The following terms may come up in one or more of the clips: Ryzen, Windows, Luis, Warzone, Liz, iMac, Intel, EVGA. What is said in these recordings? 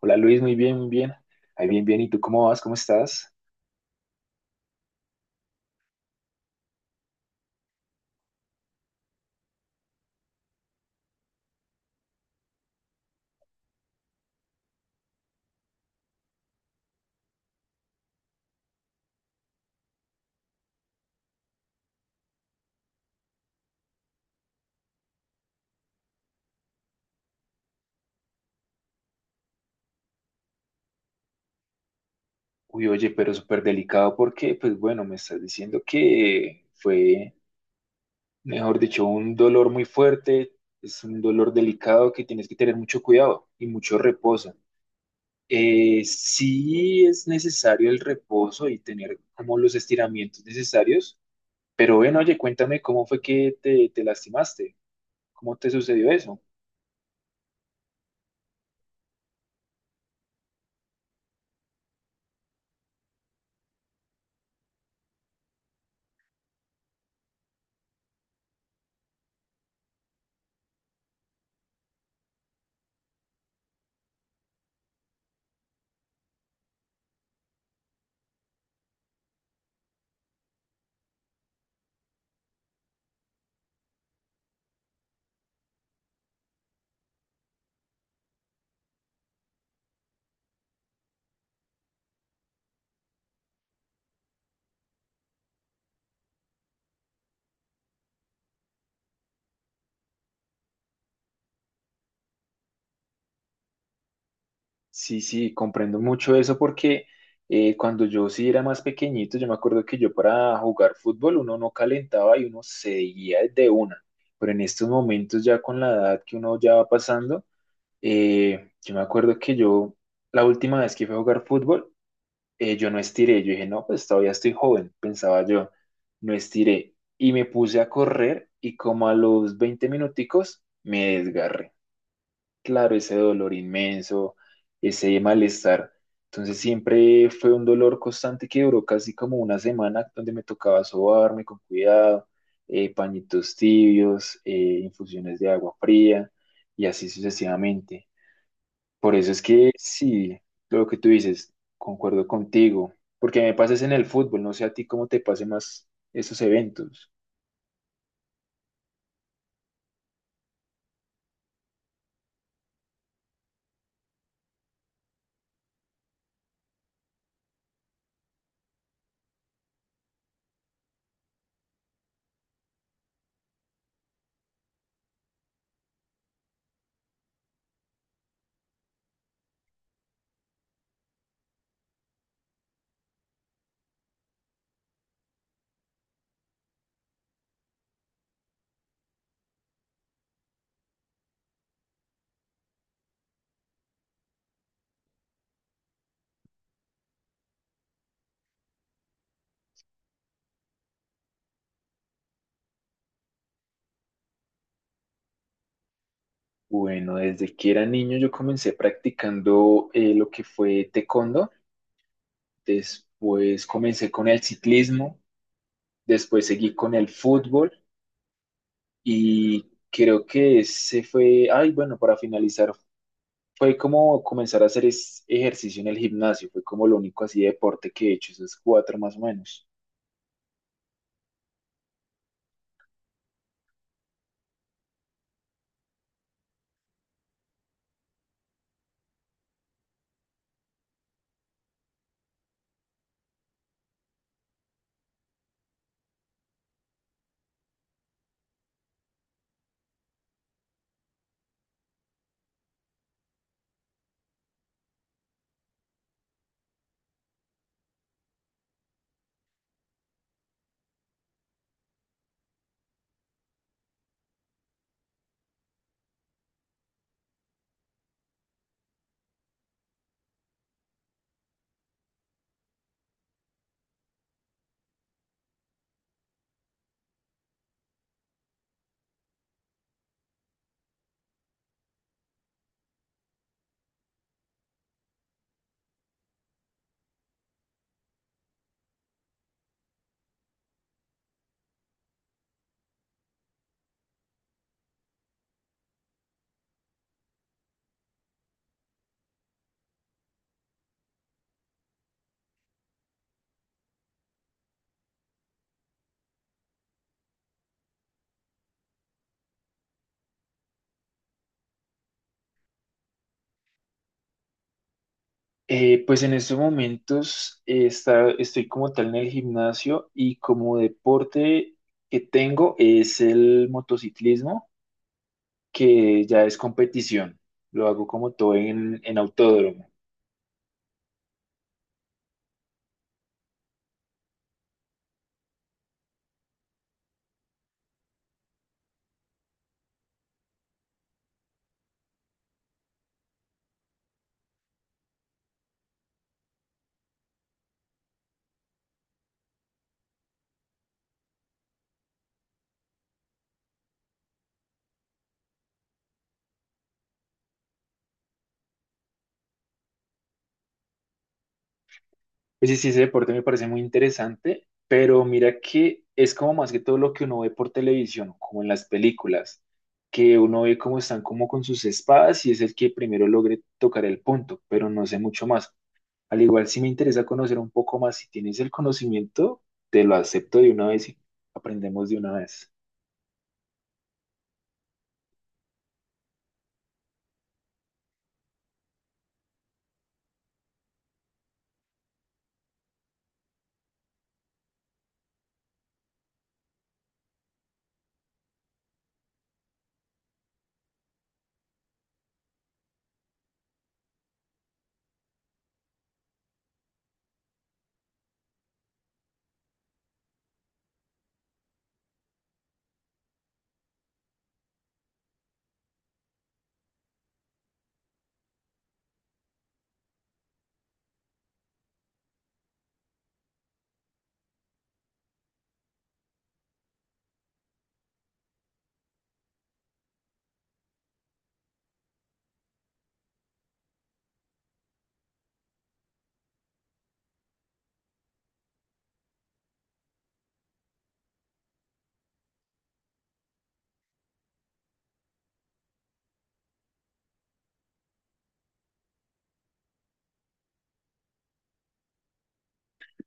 Hola Luis, muy bien, muy bien. Ahí bien, bien. ¿Y tú cómo vas? ¿Cómo estás? Uy, oye, pero súper delicado porque, pues bueno, me estás diciendo que fue, mejor dicho, un dolor muy fuerte, es un dolor delicado que tienes que tener mucho cuidado y mucho reposo. Sí es necesario el reposo y tener como los estiramientos necesarios, pero bueno, oye, cuéntame cómo fue que te lastimaste, cómo te sucedió eso. Sí, sí, comprendo mucho eso porque cuando yo sí era más pequeñito, yo me acuerdo que yo para jugar fútbol uno no calentaba y uno seguía de una, pero en estos momentos ya con la edad que uno ya va pasando, yo me acuerdo que yo la última vez que fui a jugar fútbol, yo no estiré, yo dije, no, pues todavía estoy joven, pensaba yo, no estiré y me puse a correr y como a los 20 minuticos me desgarré, claro, ese dolor inmenso, ese malestar. Entonces siempre fue un dolor constante que duró casi como una semana donde me tocaba sobarme con cuidado, pañitos tibios, infusiones de agua fría y así sucesivamente. Por eso es que sí, lo que tú dices, concuerdo contigo, porque me pases en el fútbol, no sé a ti cómo te pase más esos eventos. Bueno, desde que era niño yo comencé practicando lo que fue taekwondo, después comencé con el ciclismo, después seguí con el fútbol y creo que ese fue, ay, bueno, para finalizar, fue como comenzar a hacer ejercicio en el gimnasio, fue como lo único así de deporte que he hecho, esos cuatro más o menos. Pues en estos momentos estoy como tal en el gimnasio y como deporte que tengo es el motociclismo, que ya es competición. Lo hago como todo en autódromo. Oye, sí, sí, ese deporte me parece muy interesante, pero mira que es como más que todo lo que uno ve por televisión, como en las películas, que uno ve cómo están como con sus espadas y es el que primero logre tocar el punto, pero no sé mucho más. Al igual, si me interesa conocer un poco más, si tienes el conocimiento, te lo acepto de una vez y aprendemos de una vez.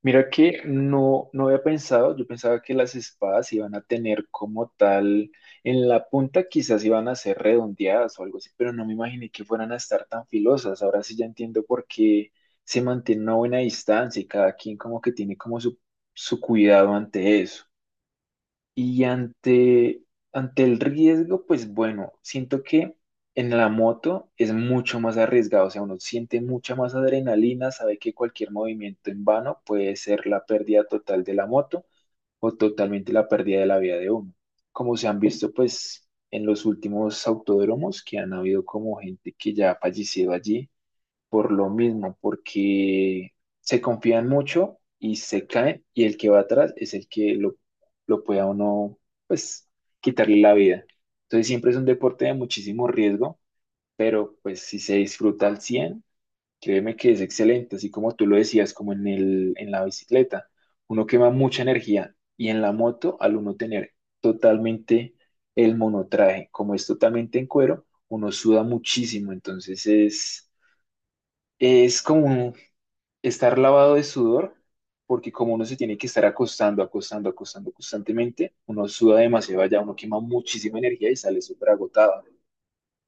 Mira que no, no había pensado, yo pensaba que las espadas iban a tener como tal, en la punta quizás iban a ser redondeadas o algo así, pero no me imaginé que fueran a estar tan filosas. Ahora sí ya entiendo por qué se mantiene una buena distancia y cada quien como que tiene como su cuidado ante eso. Y ante el riesgo, pues bueno, siento que en la moto es mucho más arriesgado, o sea, uno siente mucha más adrenalina, sabe que cualquier movimiento en vano puede ser la pérdida total de la moto o totalmente la pérdida de la vida de uno. Como se han visto, pues, en los últimos autódromos que han habido como gente que ya ha fallecido allí por lo mismo, porque se confían mucho y se caen y el que va atrás es el que lo pueda uno, pues, quitarle la vida. Entonces siempre es un deporte de muchísimo riesgo, pero pues si se disfruta al 100, créeme que es excelente, así como tú lo decías, como en la bicicleta, uno quema mucha energía y en la moto al uno tener totalmente el monotraje, como es totalmente en cuero, uno suda muchísimo, entonces es... Es como estar lavado de sudor, porque como uno se tiene que estar acostando, acostando, acostando constantemente, uno suda demasiado allá, uno quema muchísima energía y sale súper agotado.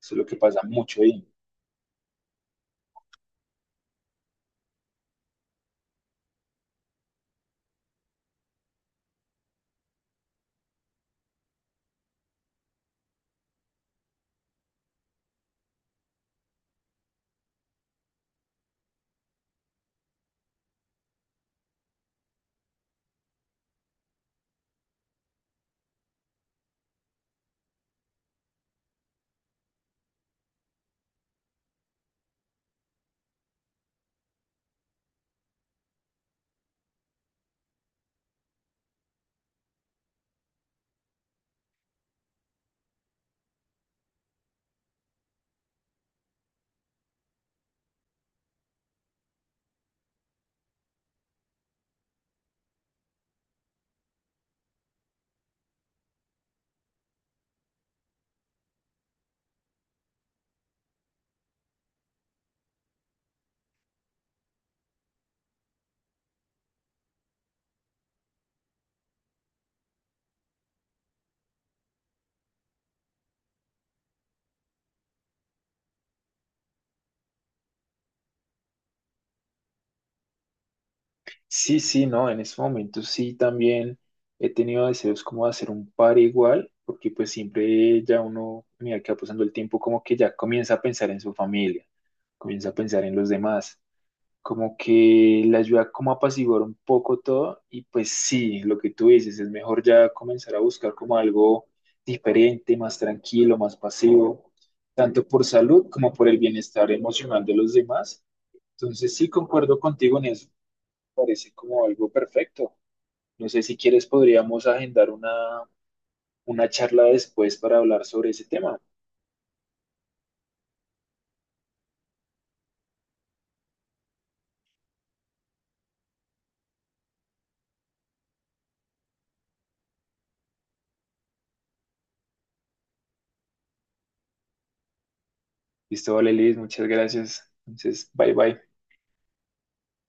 Eso es lo que pasa mucho ahí. Sí, sí, no, en este momento sí también he tenido deseos como de hacer un par igual, porque pues siempre ya uno, mira que va pasando el tiempo, como que ya comienza a pensar en su familia, comienza a pensar en los demás. Como que le ayuda como a apaciguar un poco todo y pues sí, lo que tú dices, es mejor ya comenzar a buscar como algo diferente, más tranquilo, más pasivo, tanto por salud como por el bienestar emocional de los demás. Entonces sí, concuerdo contigo en eso, parece como algo perfecto. No sé si quieres, podríamos agendar una charla después para hablar sobre ese tema. Listo, vale, Liz, muchas gracias. Entonces, bye bye.